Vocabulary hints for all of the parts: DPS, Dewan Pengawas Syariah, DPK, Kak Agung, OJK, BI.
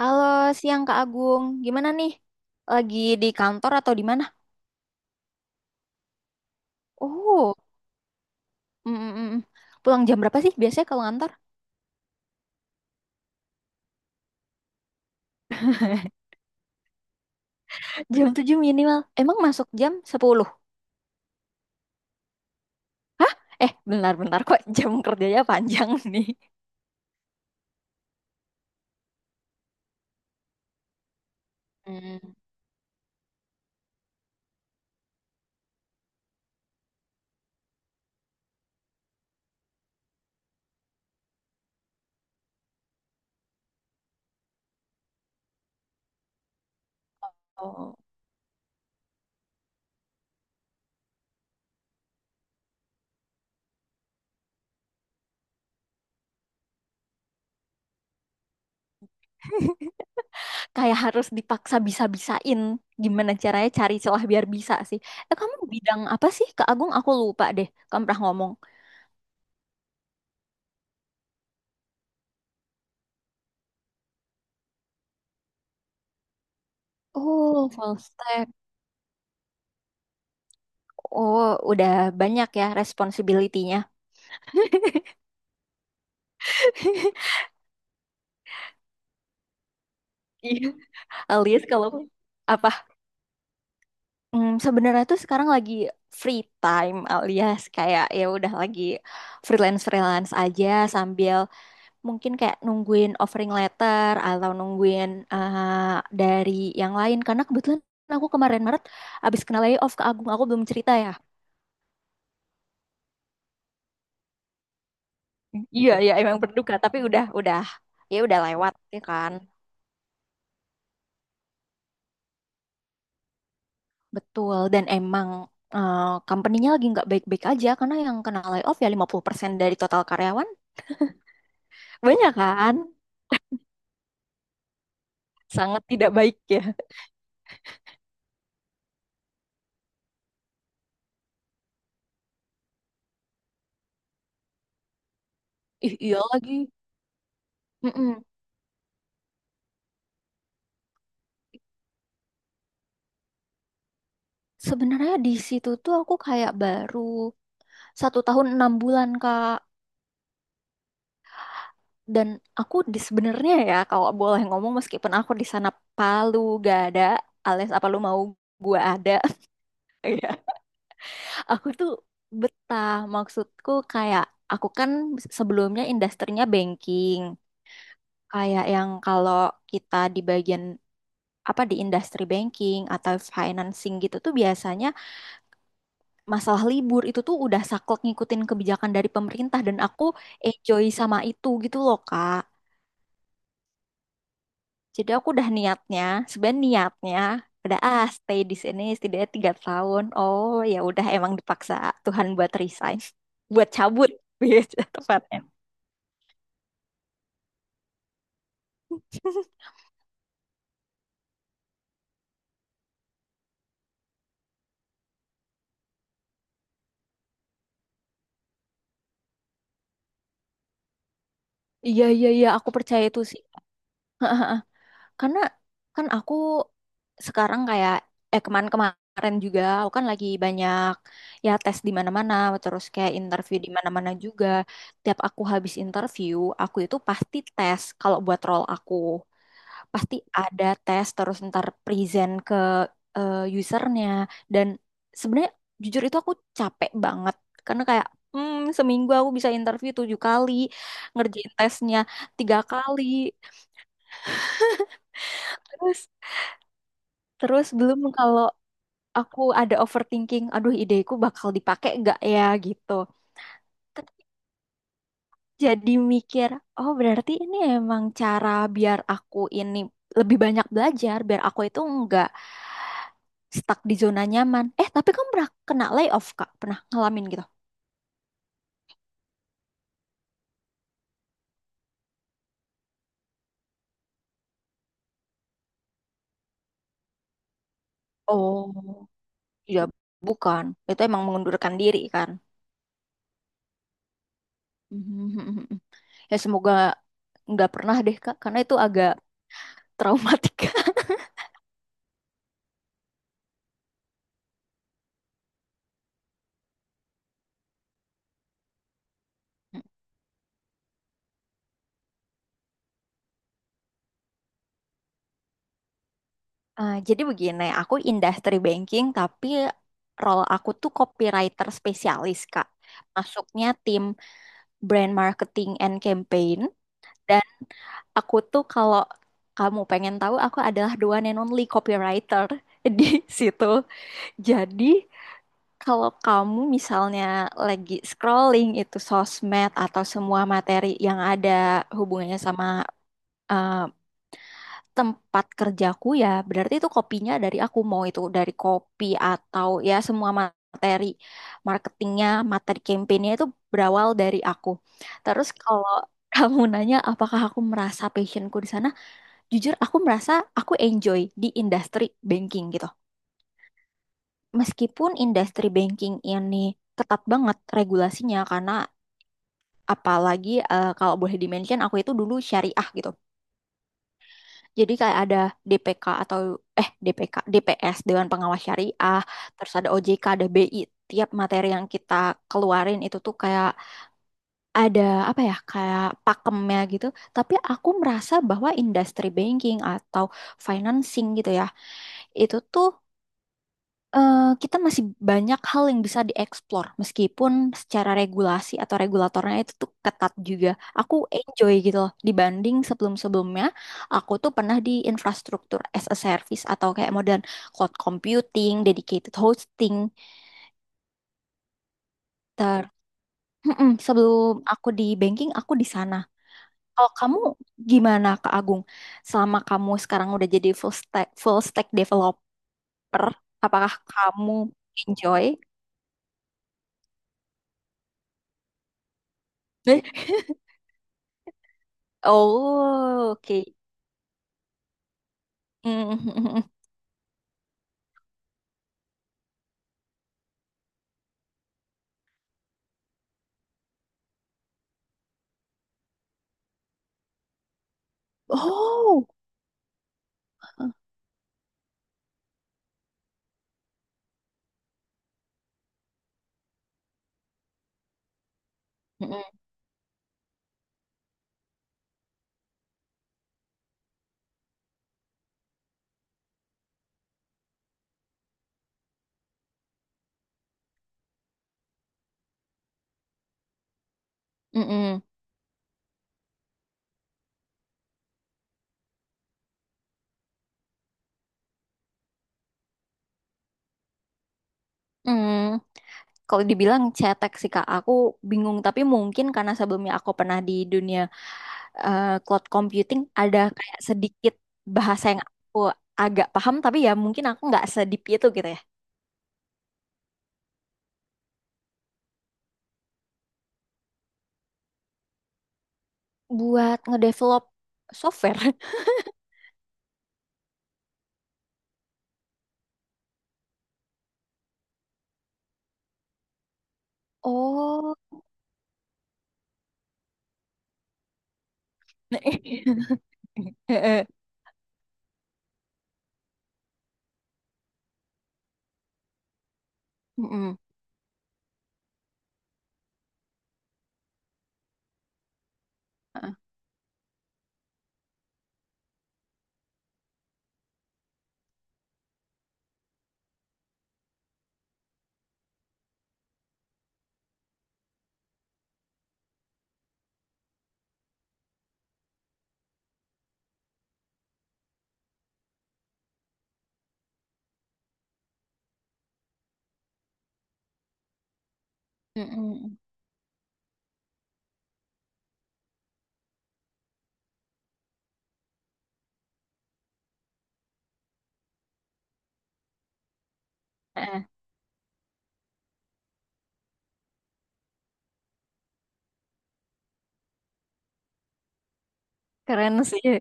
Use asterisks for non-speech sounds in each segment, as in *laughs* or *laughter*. Halo, siang Kak Agung. Gimana nih? Lagi di kantor atau di mana? Oh, mm, mm, mm. Pulang jam berapa sih biasanya kalau ngantor? *laughs* Jam 7 minimal. Emang masuk jam 10? Hah? Bentar-bentar kok *laughs* jam kerjanya panjang *laughs* nih. Hmm. Oh. *laughs* Kayak harus dipaksa bisa-bisain. Gimana caranya cari celah biar bisa sih. Kamu bidang apa sih Kak Agung? Aku lupa deh. Kamu pernah ngomong. Oh, full stack. Oh, udah banyak ya responsibility-nya. *laughs* Alias kalau apa, sebenarnya tuh sekarang lagi free time, alias kayak ya udah lagi freelance freelance aja, sambil mungkin kayak nungguin offering letter atau nungguin dari yang lain, karena kebetulan aku kemarin Maret abis kena layoff. Ke Agung aku belum cerita ya. Iya, iya, emang berduka tapi udah ya udah lewat ya kan. Betul, dan emang company-nya lagi nggak baik-baik aja, karena yang kena layoff ya 50% dari total karyawan. Banyak kan? Sangat tidak baik ya. Ih, iya lagi. Mm-mm. Sebenarnya di situ tuh aku kayak baru 1 tahun 6 bulan Kak. Dan aku sebenarnya ya kalau boleh ngomong, meskipun aku di sana Palu gak ada alias apa lu mau gua ada. *laughs* Iya. Aku tuh betah, maksudku kayak aku kan sebelumnya industrinya banking. Kayak yang kalau kita di bagian apa di industri banking atau financing gitu tuh biasanya masalah libur itu tuh udah saklek ngikutin kebijakan dari pemerintah, dan aku enjoy sama itu gitu loh Kak. Jadi aku udah niatnya, sebenarnya niatnya udah stay di sini setidaknya 3 tahun. Oh ya udah, emang dipaksa Tuhan buat resign, *laughs* buat cabut *laughs* gitu tepatnya. Iya, iya, iya, aku percaya itu sih. Karena kan aku sekarang kayak kemarin-kemarin juga aku kan lagi banyak ya tes di mana-mana terus kayak interview di mana-mana juga. Tiap aku habis interview, aku itu pasti tes kalau buat role aku. Pasti ada tes terus ntar present ke usernya, dan sebenarnya jujur itu aku capek banget karena kayak, seminggu aku bisa interview 7 kali, ngerjain tesnya 3 kali. Terus, belum kalau aku ada overthinking, aduh ideku bakal dipakai nggak ya gitu. Tapi jadi mikir, oh berarti ini emang cara biar aku ini lebih banyak belajar, biar aku itu nggak stuck di zona nyaman. Tapi kamu pernah kena layoff, Kak? Pernah ngalamin gitu? Oh, ya bukan. Itu emang mengundurkan diri kan. *laughs* Ya semoga nggak pernah deh, Kak, karena itu agak traumatik. *laughs* Jadi begini, aku industri banking tapi role aku tuh copywriter spesialis, Kak. Masuknya tim brand marketing and campaign, dan aku tuh kalau kamu pengen tahu aku adalah the one and only copywriter *laughs* di situ. Jadi kalau kamu misalnya lagi scrolling itu sosmed atau semua materi yang ada hubungannya sama eh, tempat kerjaku ya berarti itu kopinya dari aku, mau itu dari kopi atau ya semua materi marketingnya, materi campaignnya, itu berawal dari aku. Terus kalau *laughs* kamu nanya apakah aku merasa passionku di sana, jujur aku merasa aku enjoy di industri banking gitu, meskipun industri banking ini ketat banget regulasinya, karena apalagi kalau boleh di-mention aku itu dulu syariah gitu. Jadi kayak ada DPK atau DPK, DPS Dewan Pengawas Syariah, terus ada OJK, ada BI. Tiap materi yang kita keluarin itu tuh kayak ada apa ya, kayak pakemnya gitu. Tapi aku merasa bahwa industri banking atau financing gitu ya, itu tuh eh, kita masih banyak hal yang bisa dieksplor, meskipun secara regulasi atau regulatornya itu tuh ketat juga. Aku enjoy gitu loh, dibanding sebelum-sebelumnya aku tuh pernah di infrastruktur as a service atau kayak modern cloud computing, dedicated hosting. Ter Mm-mm, sebelum aku di banking aku di sana. Kalau kamu gimana Kak Agung? Selama kamu sekarang udah jadi full stack developer, apakah kamu enjoy? Oh, oke. Mm. *laughs* Oh, mm, mm, mm, mm. Kalau dibilang cetek sih Kak, aku bingung. Tapi mungkin karena sebelumnya aku pernah di dunia cloud computing, ada kayak sedikit bahasa yang aku agak paham, tapi ya mungkin aku nggak sedip itu gitu ya. Buat ngedevelop software. *laughs* Oh. *laughs* Mm, mm. Mm, mm. Eh, keren sih.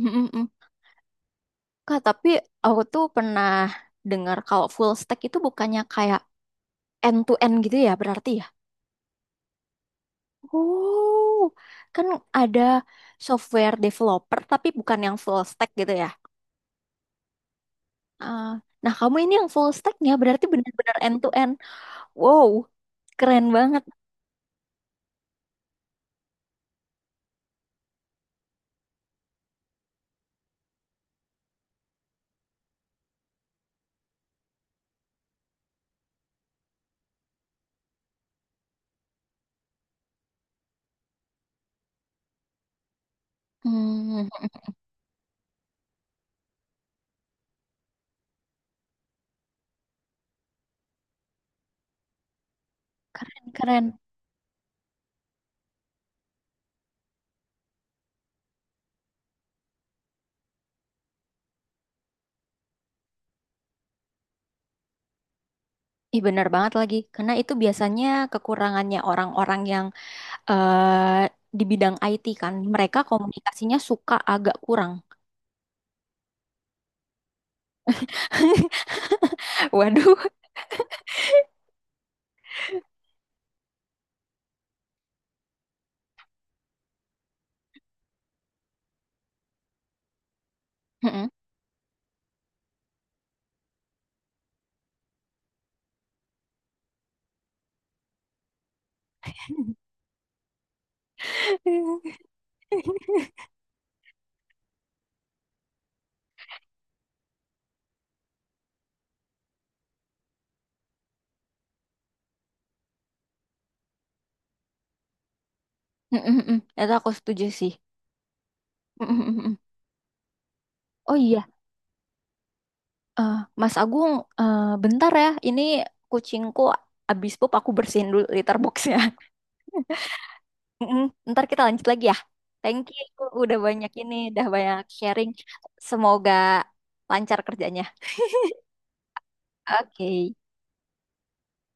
Mm-mm. Kak, tapi aku tuh pernah dengar kalau full stack itu bukannya kayak end to end gitu ya berarti ya? Oh, kan ada software developer tapi bukan yang full stack gitu ya. Ah, nah, kamu ini yang full stacknya berarti benar-benar end to end. Wow, keren banget. Hmm, keren keren. Ih, benar banget lagi. Karena itu biasanya kekurangannya orang-orang yang eh, di bidang IT kan, mereka komunikasinya suka agak kurang. *laughs* Waduh. Mm-mm. *laughs* Mm-mm-mm. Itu aku setuju sih. Mm-mm-mm. Oh iya, eh, Mas Agung, eh, bentar ya. Ini kucingku abis pup, aku bersihin dulu litter boxnya. *laughs* Mm-mm. Ntar kita lanjut lagi ya. Thank you, udah banyak ini, udah banyak sharing. Semoga lancar kerjanya. Oke.